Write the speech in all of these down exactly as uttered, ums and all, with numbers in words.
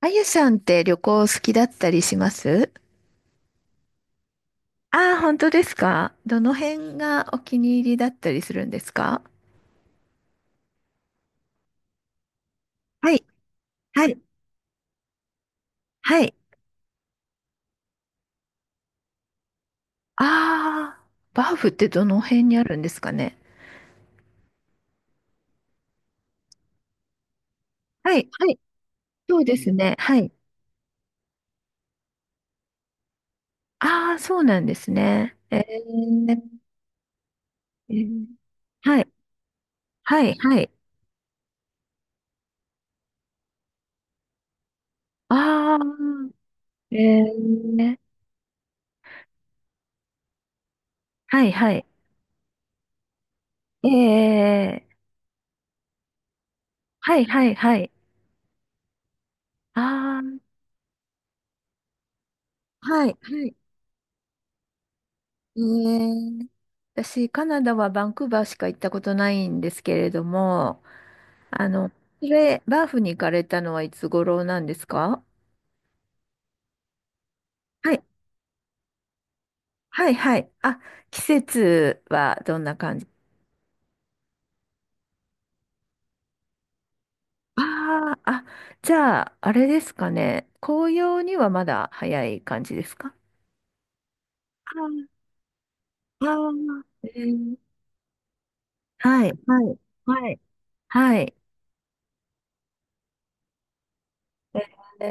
あゆさんって旅行好きだったりします？ああー、本当ですか？どの辺がお気に入りだったりするんですか？はい、はい、はい。ああー、バーフってどの辺にあるんですかね？はい、はい、そうですね。はい。ああ、そうなんですね。えー、えーはい、はい、はい。ああ、えー、はい、はい。ええ、はい、はい、はい。ああ、はい、はい。ええ、私、カナダはバンクーバーしか行ったことないんですけれども、あの、それ、バーフに行かれたのはいつ頃なんですか？はい、はい、はい。あ、季節はどんな感じ？あああ、じゃあ、あれですかね。紅葉にはまだ早い感じですか？ああー、えーはい、はい、はい、はい。え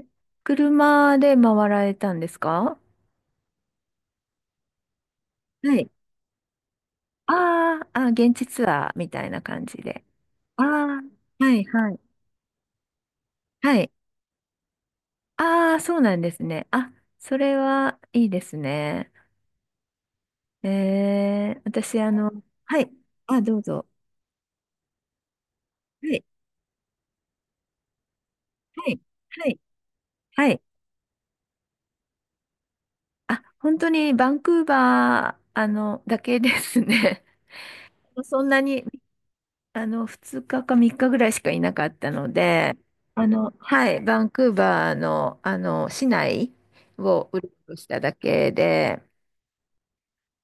ー、車で回られたんですか？はい。あーあ、現地ツアーみたいな感じで。ああ、はいはい。はい。ああ、そうなんですね。あ、それはいいですね。えー、私、あの、はい。あ、どうぞ。はい。はい。はい。はい。あ、本当にバンクーバー、あの、だけですね。そんなに、あの、ふつかかさんにちぐらいしかいなかったので、あの、はい。バンクーバーの、あの、市内をうろうろしただけで、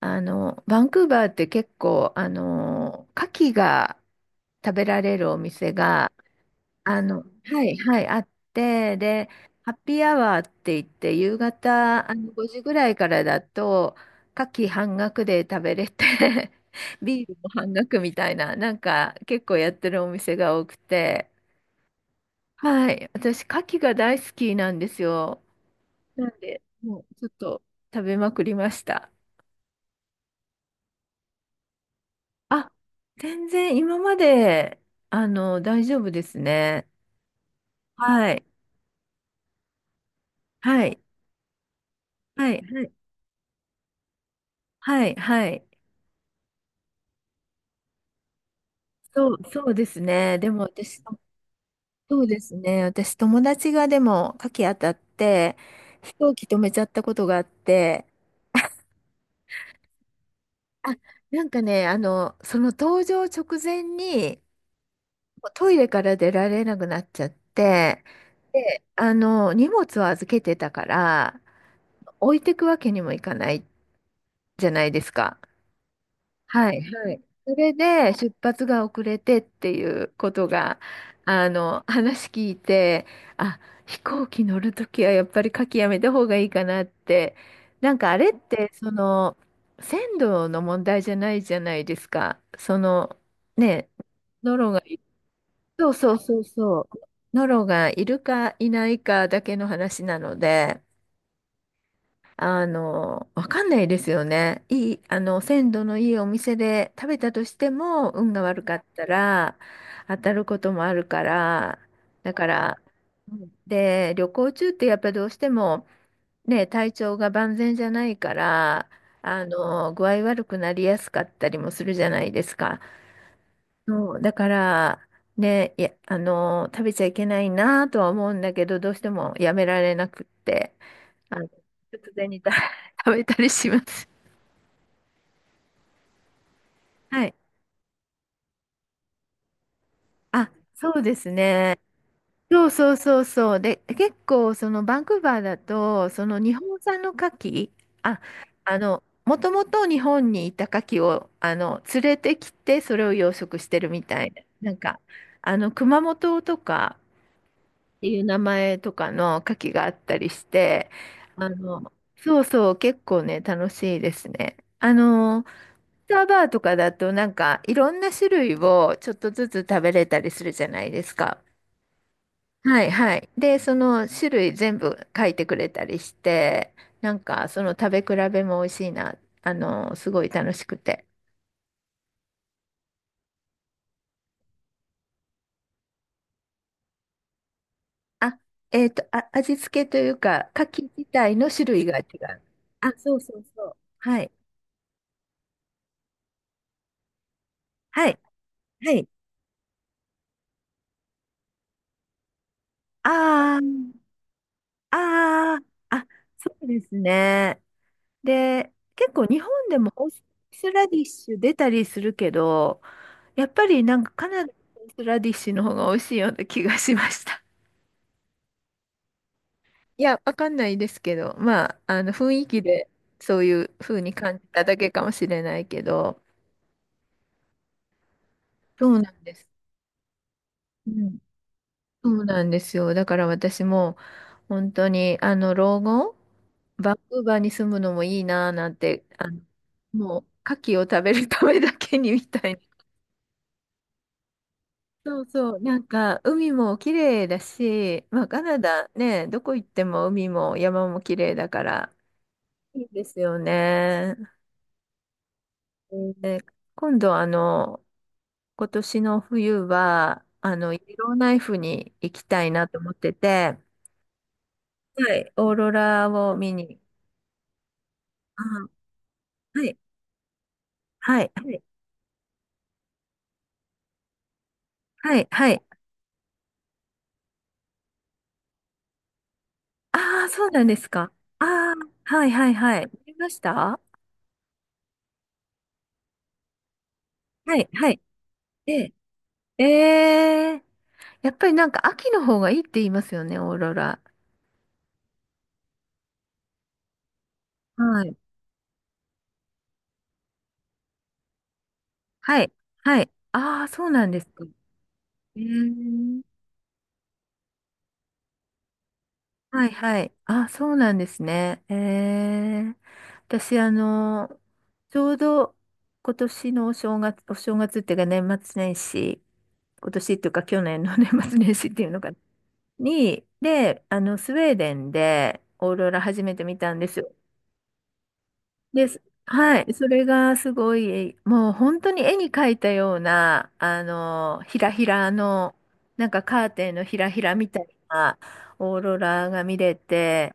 あの、バンクーバーって結構、あの、牡蠣が食べられるお店が、あの、はい、はい、あって、で、ハッピーアワーって言って、夕方、あの、ごじぐらいからだと、牡蠣半額で食べれて ビールも半額みたいな、なんか結構やってるお店が多くて、はい、私、牡蠣が大好きなんですよ。なんで、もうちょっと食べまくりました。あ、全然今まで、あの、大丈夫ですね。はい。はい。はい。はい。はい。はい。そう、そうですね。でも私、そうですね。私、友達がでも、夏季当たって、飛行機止めちゃったことがあって、あ、なんかね、あの、その搭乗直前に、もうトイレから出られなくなっちゃって、で、あの、荷物を預けてたから、置いてくわけにもいかないじゃないですか。はい、はい。それで出発が遅れてっていうことが、あの、話聞いて、あ、飛行機乗るときはやっぱり書きやめた方がいいかなって、なんかあれって、その、鮮度の問題じゃないじゃないですか。その、ね、ノロがい、そうそうそうそう、ノロがいるかいないかだけの話なので、あの、わかんないですよね。いい、あの、鮮度のいいお店で食べたとしても、運が悪かったら、当たることもあるから、だから、うんで、旅行中ってやっぱどうしても、ね、体調が万全じゃないから、あの、具合悪くなりやすかったりもするじゃないですか。そう、だから、ね、いや、あの、食べちゃいけないなとは思うんだけど、どうしてもやめられなくって。あの、突然にた 食べたりします。はい。あ、そうですね。そうそうそうそう。で、結構、そのバンクーバーだと、その日本産の牡蠣、あ、あの、もともと日本にいた牡蠣を、あの、連れてきて、それを養殖してるみたいな。なんか、あの、熊本とかっていう名前とかの牡蠣があったりして、あの、そうそう、結構ね、楽しいですね。あの、スターバーとかだとなんかいろんな種類をちょっとずつ食べれたりするじゃないですか。はいはい。で、その種類全部書いてくれたりして、なんかその食べ比べも美味しいな。あの、すごい楽しくて。あ、えっと、あ、味付けというか、牡蠣自体の種類が違う。あ、そうそうそう。はい。はい。はい。あー、あー、あ、そうですね。で、結構日本でもオースラディッシュ出たりするけど、やっぱりなんかカナダのオースラディッシュの方が美味しいような気がしました。いや、わかんないですけど、まあ、あの雰囲気でそういう風に感じただけかもしれないけど、そうなんです。うん、そうなんですよ。だから私も本当にあの老後、バンクーバーに住むのもいいなぁなんて、あの、もう牡蠣を食べるためだけにみたいな。そうそう、なんか海も綺麗だし、まあ、カナダね、どこ行っても海も山も綺麗だから、いいですよね。で、今度、あの、今年の冬は、あの、イエローナイフに行きたいなと思ってて、はい、オーロラを見に。あ、はい、はい、はい、はい、はい。ああ、そうなんですか。ああ、はい、はい、はい。見ました。はい、はい。ええ、ええ、やっぱりなんか秋の方がいいって言いますよね、オーロラ。はい。はい。はい。ああ、そうなんですか。えー、はい、はい。あ、そうなんですね。えー、私、あの、ちょうど今年のお正月、お正月っていうか年末年始、今年っていうか去年の 年末年始っていうのかに、で、あの、スウェーデンでオーロラ初めて見たんですよ。です。はい。それがすごい、もう本当に絵に描いたような、あの、ひらひらの、なんかカーテンのひらひらみたいなオーロラが見れて、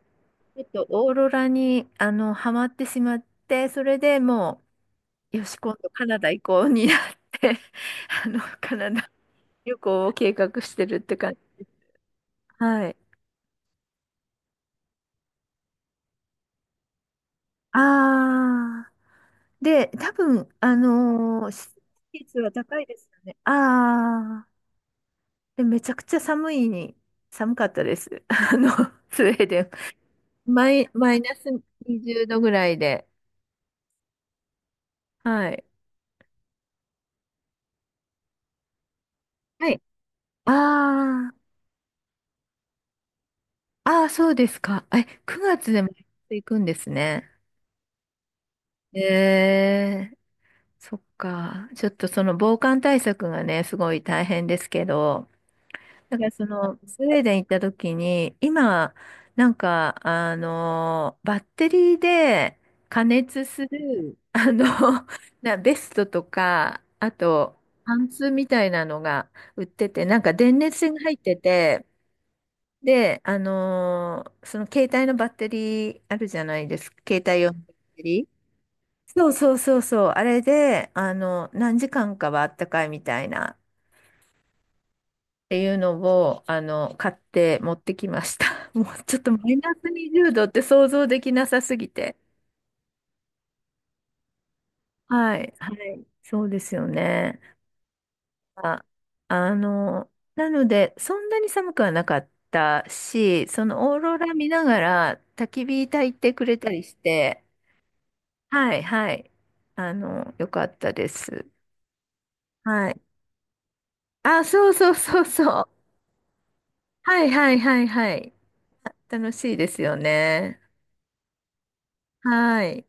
ちょっとオーロラに、あの、ハマってしまって、それでもう、よし、今度カナダ行こうになって、あの、カナダ旅行を計画してるって感じ。はい。ああ。で、多分、あのー、施設は高いですよね。ああ。で、めちゃくちゃ寒いに、寒かったです。あの、スウェーデン。マイ、マイナスにじゅうどぐらいで。はい。はい。ああ、ああ、そうですか。え、くがつでも行くんですね。ええ、そっか。ちょっとその防寒対策がね、すごい大変ですけど、だからその、スウェーデン行った時に、今、なんか、あの、バッテリーで加熱する、あの、な、ベストとか、あと、パンツみたいなのが売ってて、なんか電熱線が入ってて、で、あの、その携帯のバッテリーあるじゃないですか、携帯用のバッテリー。そうそうそうそう、あれで、あの、何時間かはあったかいみたいな。っていうのを、あの、買って持ってきました。もうちょっとマイナスにじゅうどって想像できなさすぎて。はい、はい、そうですよね。あ、あの、なので、そんなに寒くはなかったし、そのオーロラ見ながら焚き火焚いてくれたりして、はい、はい、あの、よかったです。はい。あ、そうそうそうそう。はい、はい、はい、はい。あ、楽しいですよね。はい。